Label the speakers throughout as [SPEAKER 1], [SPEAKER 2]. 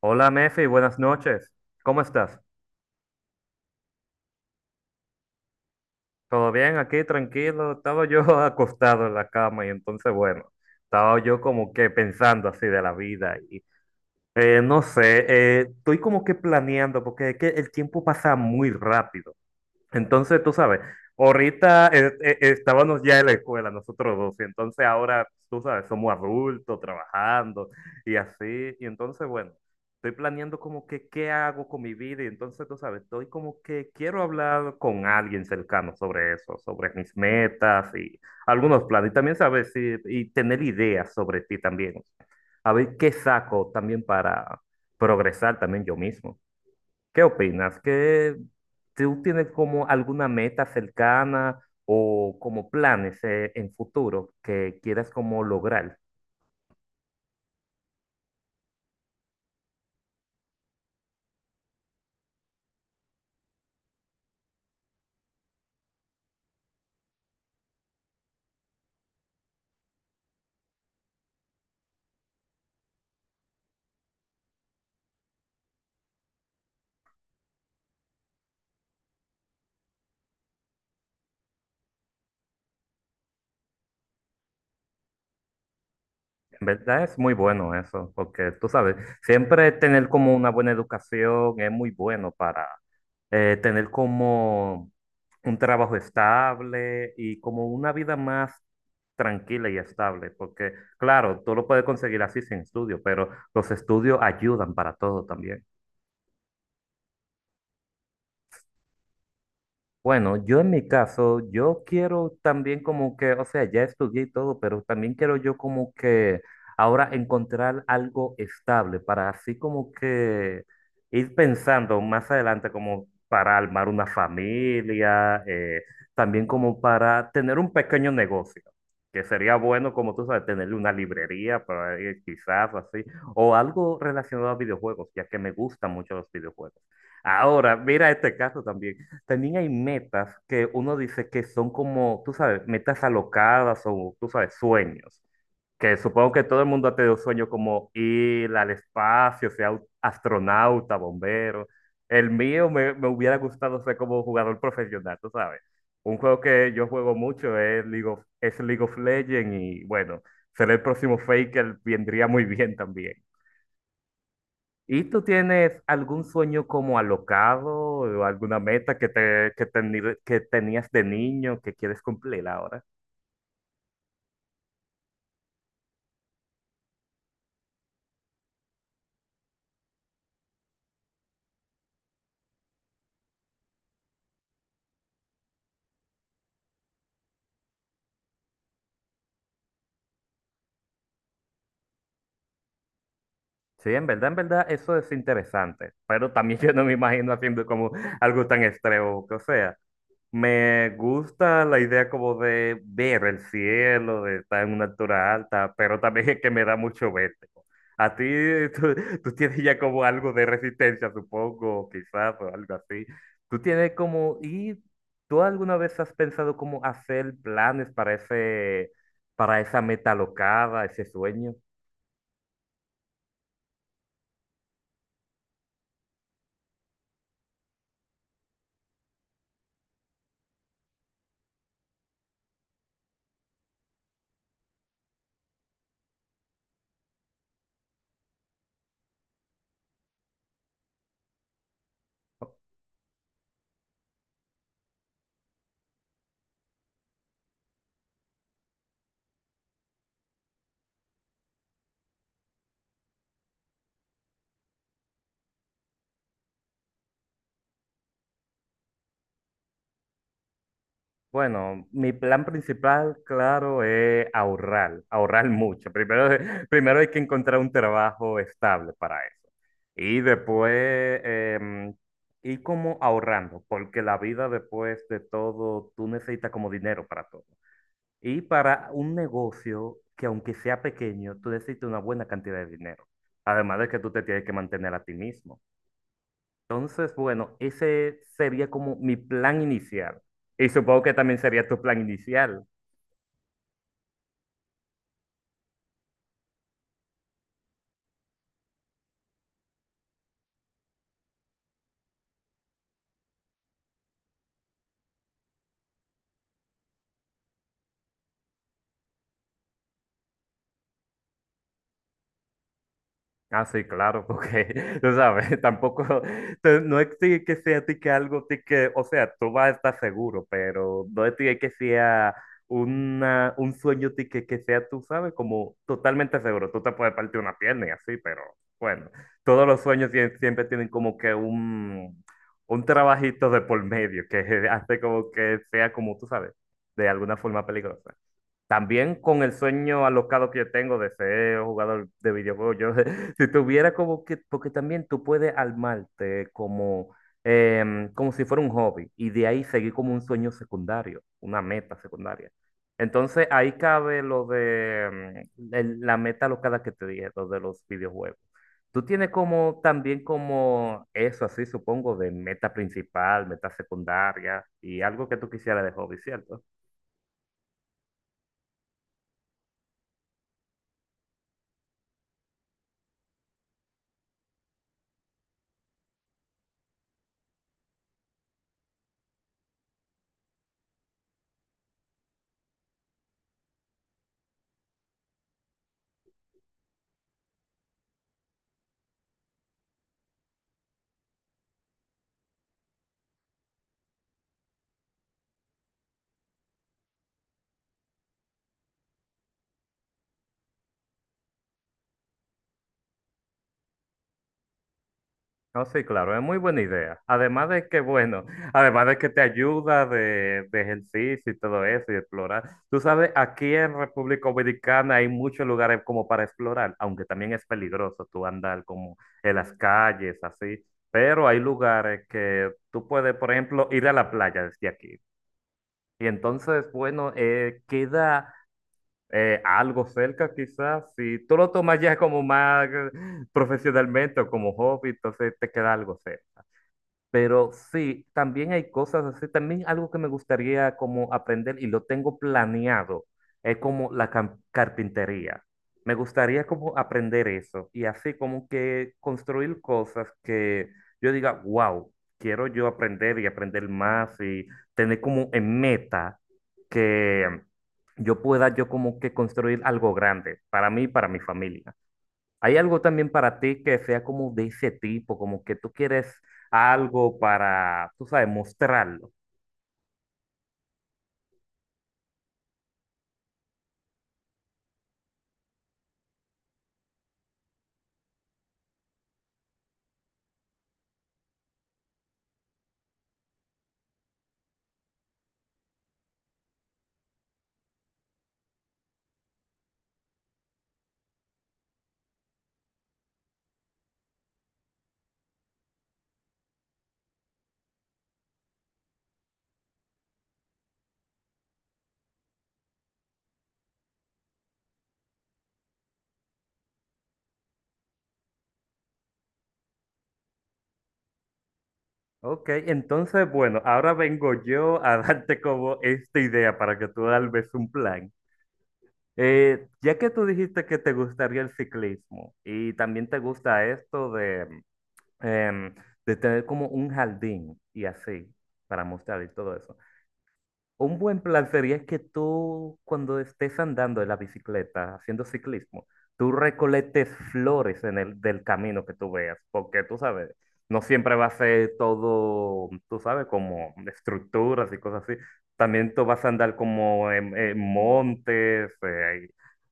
[SPEAKER 1] Hola Mefi, buenas noches. ¿Cómo estás? ¿Todo bien aquí? Tranquilo. Estaba yo acostado en la cama y entonces, bueno, estaba yo como que pensando así de la vida y no sé, estoy como que planeando porque es que el tiempo pasa muy rápido. Entonces, tú sabes, ahorita estábamos ya en la escuela, nosotros dos, y entonces ahora, pues, tú sabes, somos adultos, trabajando y así, y entonces, bueno, estoy planeando como que qué hago con mi vida, y entonces, tú sabes, estoy como que quiero hablar con alguien cercano sobre eso, sobre mis metas y algunos planes, y también, sabes, y tener ideas sobre ti también, a ver qué saco también para progresar también yo mismo. ¿Qué opinas? ¿Qué tú tienes como alguna meta cercana o como planes en futuro que quieras como lograr? En verdad es muy bueno eso, porque tú sabes, siempre tener como una buena educación es muy bueno para tener como un trabajo estable y como una vida más tranquila y estable, porque claro, tú lo puedes conseguir así sin estudio, pero los estudios ayudan para todo también. Bueno, yo en mi caso, yo quiero también como que, o sea, ya estudié y todo, pero también quiero yo como que ahora encontrar algo estable para así como que ir pensando más adelante como para armar una familia, también como para tener un pequeño negocio, que sería bueno como tú sabes, tener una librería para ir quizás así, o algo relacionado a videojuegos, ya que me gustan mucho los videojuegos. Ahora, mira este caso también. También hay metas que uno dice que son como, tú sabes, metas alocadas o, tú sabes, sueños. Que supongo que todo el mundo ha tenido sueños como ir al espacio, sea astronauta, bombero. El mío me hubiera gustado ser como jugador profesional, tú sabes. Un juego que yo juego mucho es es League of Legends y bueno, ser el próximo Faker vendría muy bien también. ¿Y tú tienes algún sueño como alocado o alguna meta que tenías de niño que quieres cumplir ahora? Sí, en verdad, eso es interesante, pero también yo no me imagino haciendo como algo tan extremo, o sea. Me gusta la idea como de ver el cielo, de estar en una altura alta, pero también es que me da mucho vértigo. A ti, tú, tú tienes ya como algo de resistencia, supongo, quizás, o algo así. Tú tienes como, ¿y tú alguna vez has pensado cómo hacer planes para para esa meta alocada, ese sueño? Bueno, mi plan principal, claro, es ahorrar, ahorrar mucho. Primero, primero hay que encontrar un trabajo estable para eso. Y después ir como ahorrando, porque la vida después de todo, tú necesitas como dinero para todo. Y para un negocio que aunque sea pequeño, tú necesitas una buena cantidad de dinero. Además de que tú te tienes que mantener a ti mismo. Entonces, bueno, ese sería como mi plan inicial. Y supongo que también sería tu plan inicial. Ah, sí, claro, porque tú sabes, tampoco, no es ti que sea ti que algo, ti que, o sea, tú vas a estar seguro, pero no es ti que sea un sueño ti que sea, tú sabes, como totalmente seguro. Tú te puedes partir una pierna y así, pero bueno, todos los sueños siempre tienen como que un trabajito de por medio que hace como que sea como tú sabes, de alguna forma peligrosa. También con el sueño alocado que yo tengo de ser jugador de videojuegos, yo, si tuviera como que, porque también tú puedes armarte como, como si fuera un hobby y de ahí seguir como un sueño secundario, una meta secundaria. Entonces ahí cabe lo de la meta alocada que te dije, lo de los videojuegos. Tú tienes como también como eso así, supongo, de meta principal, meta secundaria y algo que tú quisieras de hobby, ¿cierto? No, sí, claro, es muy buena idea. Además de que, bueno, además de que te ayuda de ejercicio y todo eso y explorar. Tú sabes, aquí en República Dominicana hay muchos lugares como para explorar, aunque también es peligroso tú andar como en las calles, así. Pero hay lugares que tú puedes, por ejemplo, ir a la playa desde aquí. Y entonces, bueno, queda algo cerca quizás. Si tú lo tomas ya como más profesionalmente o como hobby, entonces te queda algo cerca. Pero sí, también hay cosas así, también algo que me gustaría como aprender y lo tengo planeado, es como la carpintería. Me gustaría como aprender eso y así como que construir cosas que yo diga, wow, quiero yo aprender y aprender más y tener como en meta que yo pueda yo como que construir algo grande para mí y para mi familia. ¿Hay algo también para ti que sea como de ese tipo, como que tú quieres algo para, tú sabes, mostrarlo? Ok, entonces, bueno, ahora vengo yo a darte como esta idea para que tú tal vez un plan. Ya que tú dijiste que te gustaría el ciclismo y también te gusta esto de, em, de tener como un jardín y así para mostrar y todo eso. Un buen plan sería que tú, cuando estés andando en la bicicleta, haciendo ciclismo, tú recolectes flores en el del camino que tú veas, porque tú sabes, no siempre va a ser todo, tú sabes, como estructuras y cosas así. También tú vas a andar como en montes,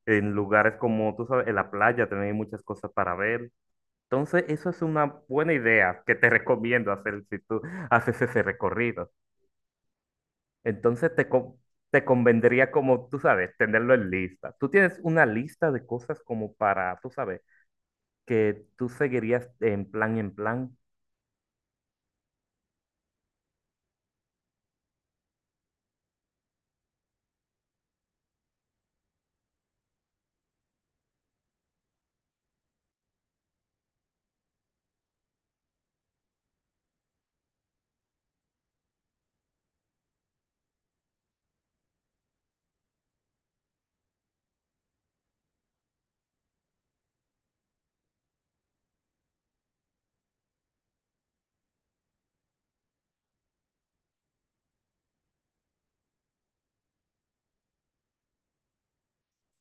[SPEAKER 1] en lugares como, tú sabes, en la playa también hay muchas cosas para ver. Entonces, eso es una buena idea que te recomiendo hacer si tú haces ese recorrido. Entonces te convendría como, tú sabes, tenerlo en lista. Tú tienes una lista de cosas como para, tú sabes, que tú seguirías en en plan.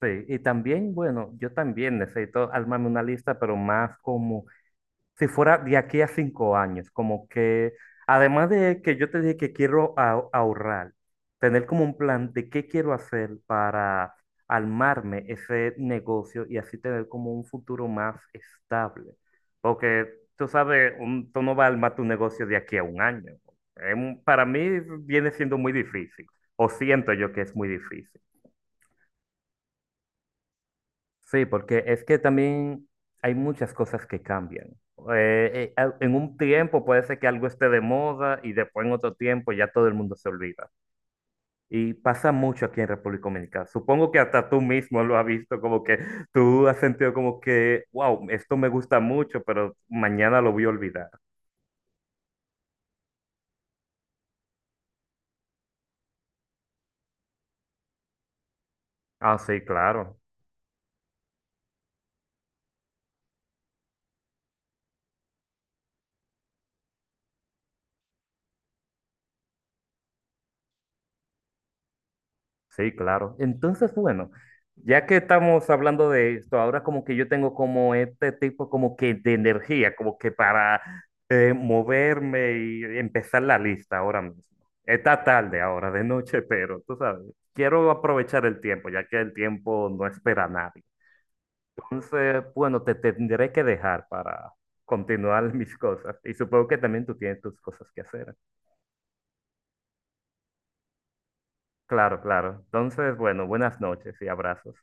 [SPEAKER 1] Sí, y también, bueno, yo también necesito armarme una lista, pero más como si fuera de aquí a 5 años, como que, además de que yo te dije que quiero ahorrar, tener como un plan de qué quiero hacer para armarme ese negocio y así tener como un futuro más estable. Porque tú sabes, un, tú no vas a armar tu negocio de aquí a un año. Es para mí viene siendo muy difícil, o siento yo que es muy difícil. Sí, porque es que también hay muchas cosas que cambian. En un tiempo puede ser que algo esté de moda y después en otro tiempo ya todo el mundo se olvida. Y pasa mucho aquí en República Dominicana. Supongo que hasta tú mismo lo has visto, como que tú has sentido como que, wow, esto me gusta mucho, pero mañana lo voy a olvidar. Ah, sí, claro. Sí, claro. Entonces, bueno, ya que estamos hablando de esto, ahora como que yo tengo como este tipo como que de energía, como que para moverme y empezar la lista ahora mismo. Está tarde ahora, de noche, pero tú sabes, quiero aprovechar el tiempo, ya que el tiempo no espera a nadie. Entonces, bueno, te tendré que dejar para continuar mis cosas. Y supongo que también tú tienes tus cosas que hacer. Claro, claro. Entonces, bueno, buenas noches y abrazos.